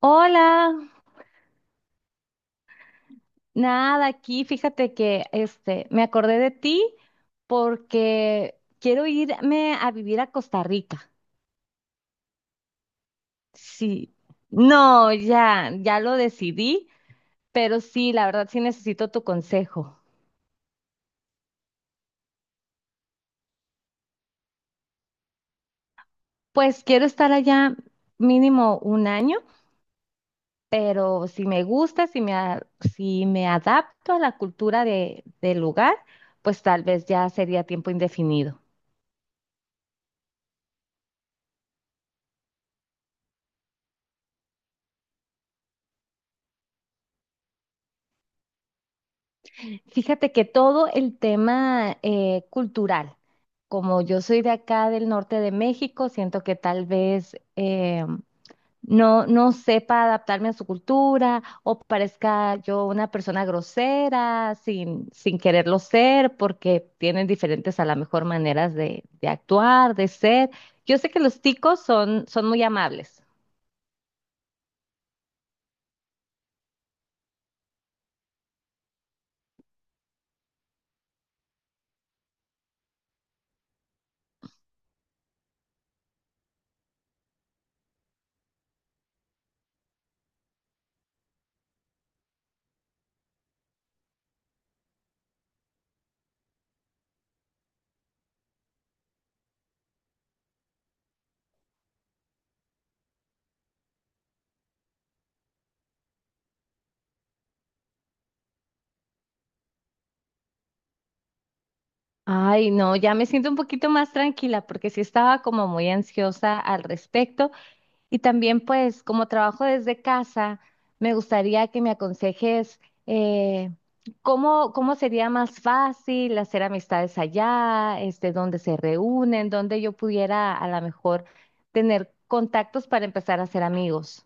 Hola, nada, aquí fíjate que este me acordé de ti porque quiero irme a vivir a Costa Rica. Sí. No, ya, ya lo decidí, pero sí, la verdad sí necesito tu consejo. Pues quiero estar allá mínimo un año, pero si me gusta, si me adapto a la cultura de del lugar, pues tal vez ya sería tiempo indefinido. Fíjate que todo el tema cultural, como yo soy de acá del norte de México, siento que tal vez no, no sepa adaptarme a su cultura o parezca yo una persona grosera sin quererlo ser, porque tienen diferentes a lo mejor maneras de actuar, de ser. Yo sé que los ticos son muy amables. Ay, no, ya me siento un poquito más tranquila porque sí estaba como muy ansiosa al respecto. Y también, pues, como trabajo desde casa, me gustaría que me aconsejes eh, cómo sería más fácil hacer amistades allá, este, dónde se reúnen, dónde yo pudiera a lo mejor tener contactos para empezar a hacer amigos.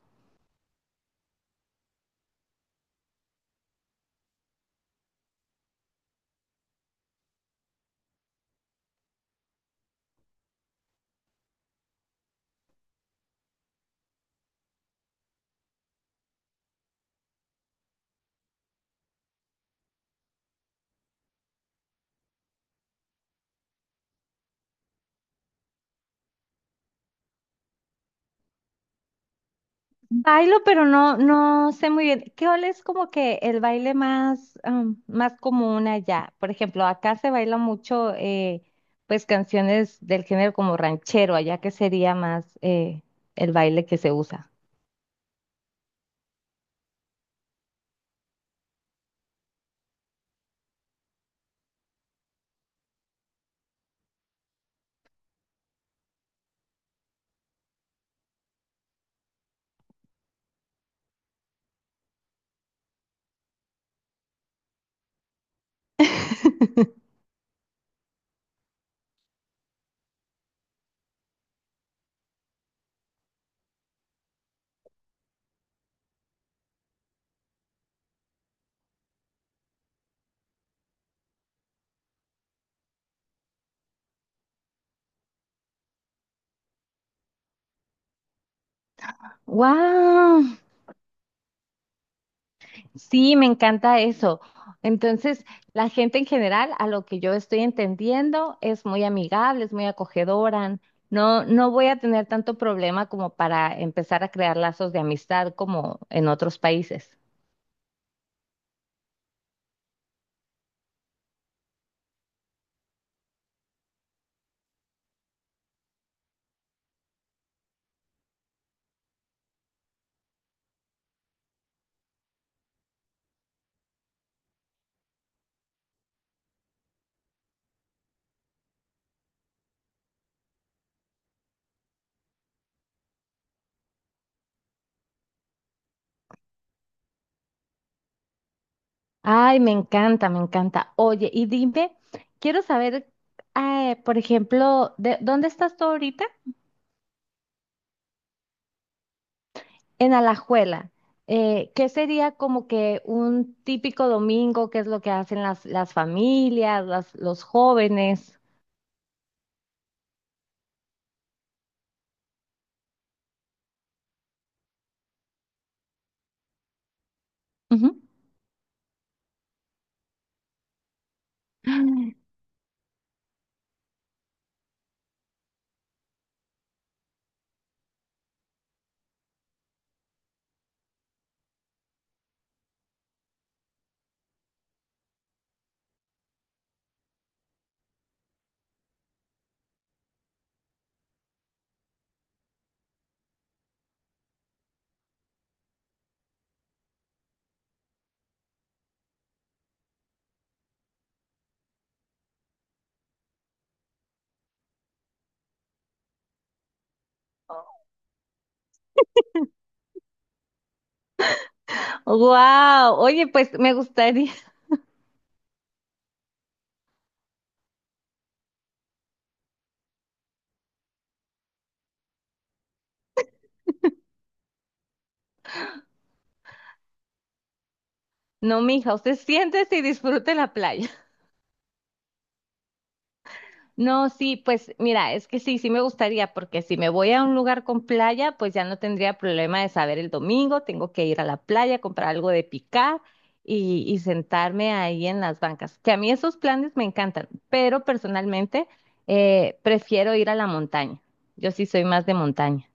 Bailo, pero no, no sé muy bien. ¿Qué es como que el baile más, am, más común allá? Por ejemplo, acá se baila mucho, pues canciones del género como ranchero, allá que sería más el baile que se usa. ¡Wow! Sí, me encanta eso. Entonces, la gente en general, a lo que yo estoy entendiendo, es muy amigable, es muy acogedora. No, no voy a tener tanto problema como para empezar a crear lazos de amistad como en otros países. Ay, me encanta, me encanta. Oye, y dime, quiero saber, por ejemplo, de, ¿dónde estás tú ahorita? En Alajuela, ¿qué sería como que un típico domingo? ¿Qué es lo que hacen las familias, los jóvenes? Ujú. Wow, oye, pues me gustaría, no, mija, usted siéntese y disfrute la playa. No, sí, pues mira, es que sí, sí me gustaría, porque si me voy a un lugar con playa, pues ya no tendría problema de saber el domingo, tengo que ir a la playa, comprar algo de picar y sentarme ahí en las bancas, que a mí esos planes me encantan, pero personalmente prefiero ir a la montaña. Yo sí soy más de montaña.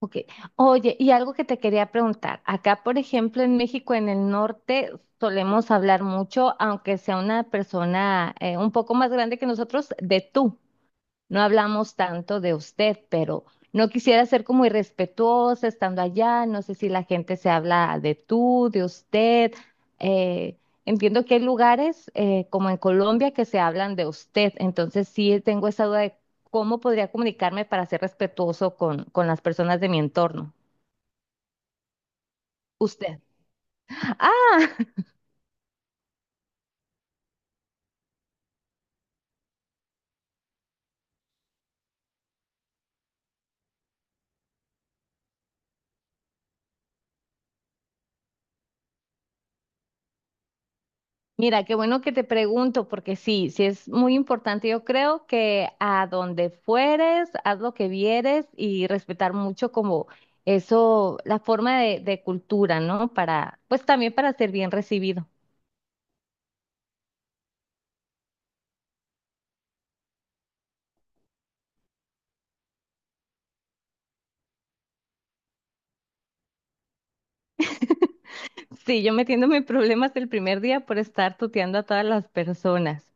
Ok. Oye, y algo que te quería preguntar. Acá, por ejemplo, en México, en el norte, solemos hablar mucho, aunque sea una persona un poco más grande que nosotros, de tú. No hablamos tanto de usted, pero no quisiera ser como irrespetuosa estando allá. No sé si la gente se habla de tú, de usted. Eh, entiendo que hay lugares como en Colombia que se hablan de usted. Entonces sí tengo esa duda de cómo podría comunicarme para ser respetuoso con las personas de mi entorno. Usted. Ah, Mira, qué bueno que te pregunto, porque sí, sí es muy importante. Yo creo que a donde fueres, haz lo que vieres y respetar mucho como eso, la forma de cultura, ¿no? Para, pues también para ser bien recibido. Sí, yo metiéndome en problemas el primer día por estar tuteando a todas las personas.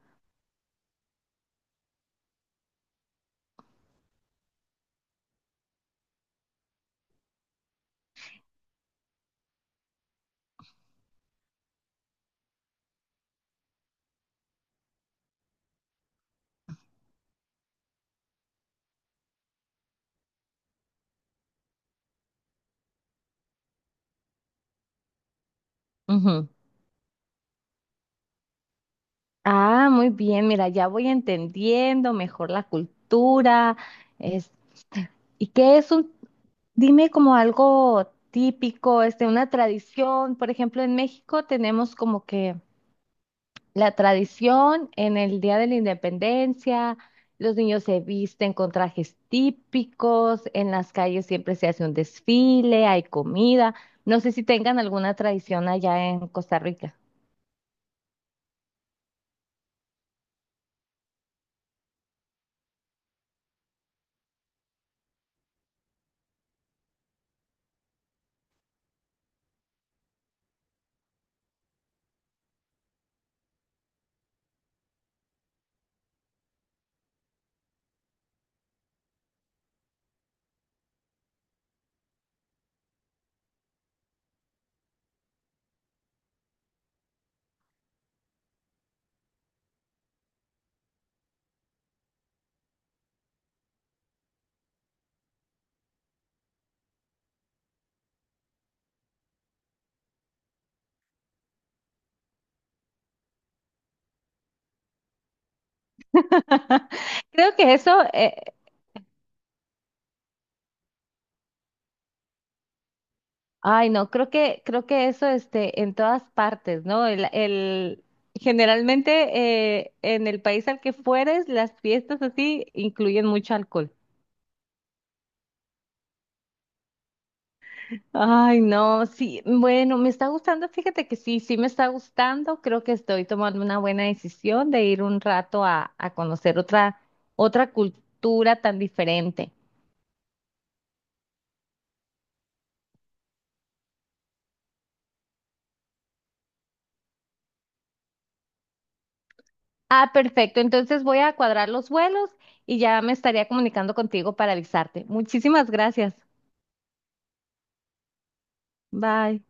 Ujú. Ah, muy bien, mira, ya voy entendiendo mejor la cultura. Es, ¿y qué es un Dime como algo típico, este, una tradición. Por ejemplo, en México tenemos como que la tradición en el Día de la Independencia, los niños se visten con trajes típicos, en las calles siempre se hace un desfile, hay comida. No sé si tengan alguna tradición allá en Costa Rica. Creo que eso, eh, Ay, no, creo que eso este, en todas partes, ¿no? Generalmente en el país al que fueres, las fiestas así incluyen mucho alcohol. Ay, no, sí, bueno, me está gustando, fíjate que sí, sí me está gustando, creo que estoy tomando una buena decisión de ir un rato a conocer otra, otra cultura tan diferente. Ah, perfecto, entonces voy a cuadrar los vuelos y ya me estaría comunicando contigo para avisarte. Muchísimas gracias. Bye.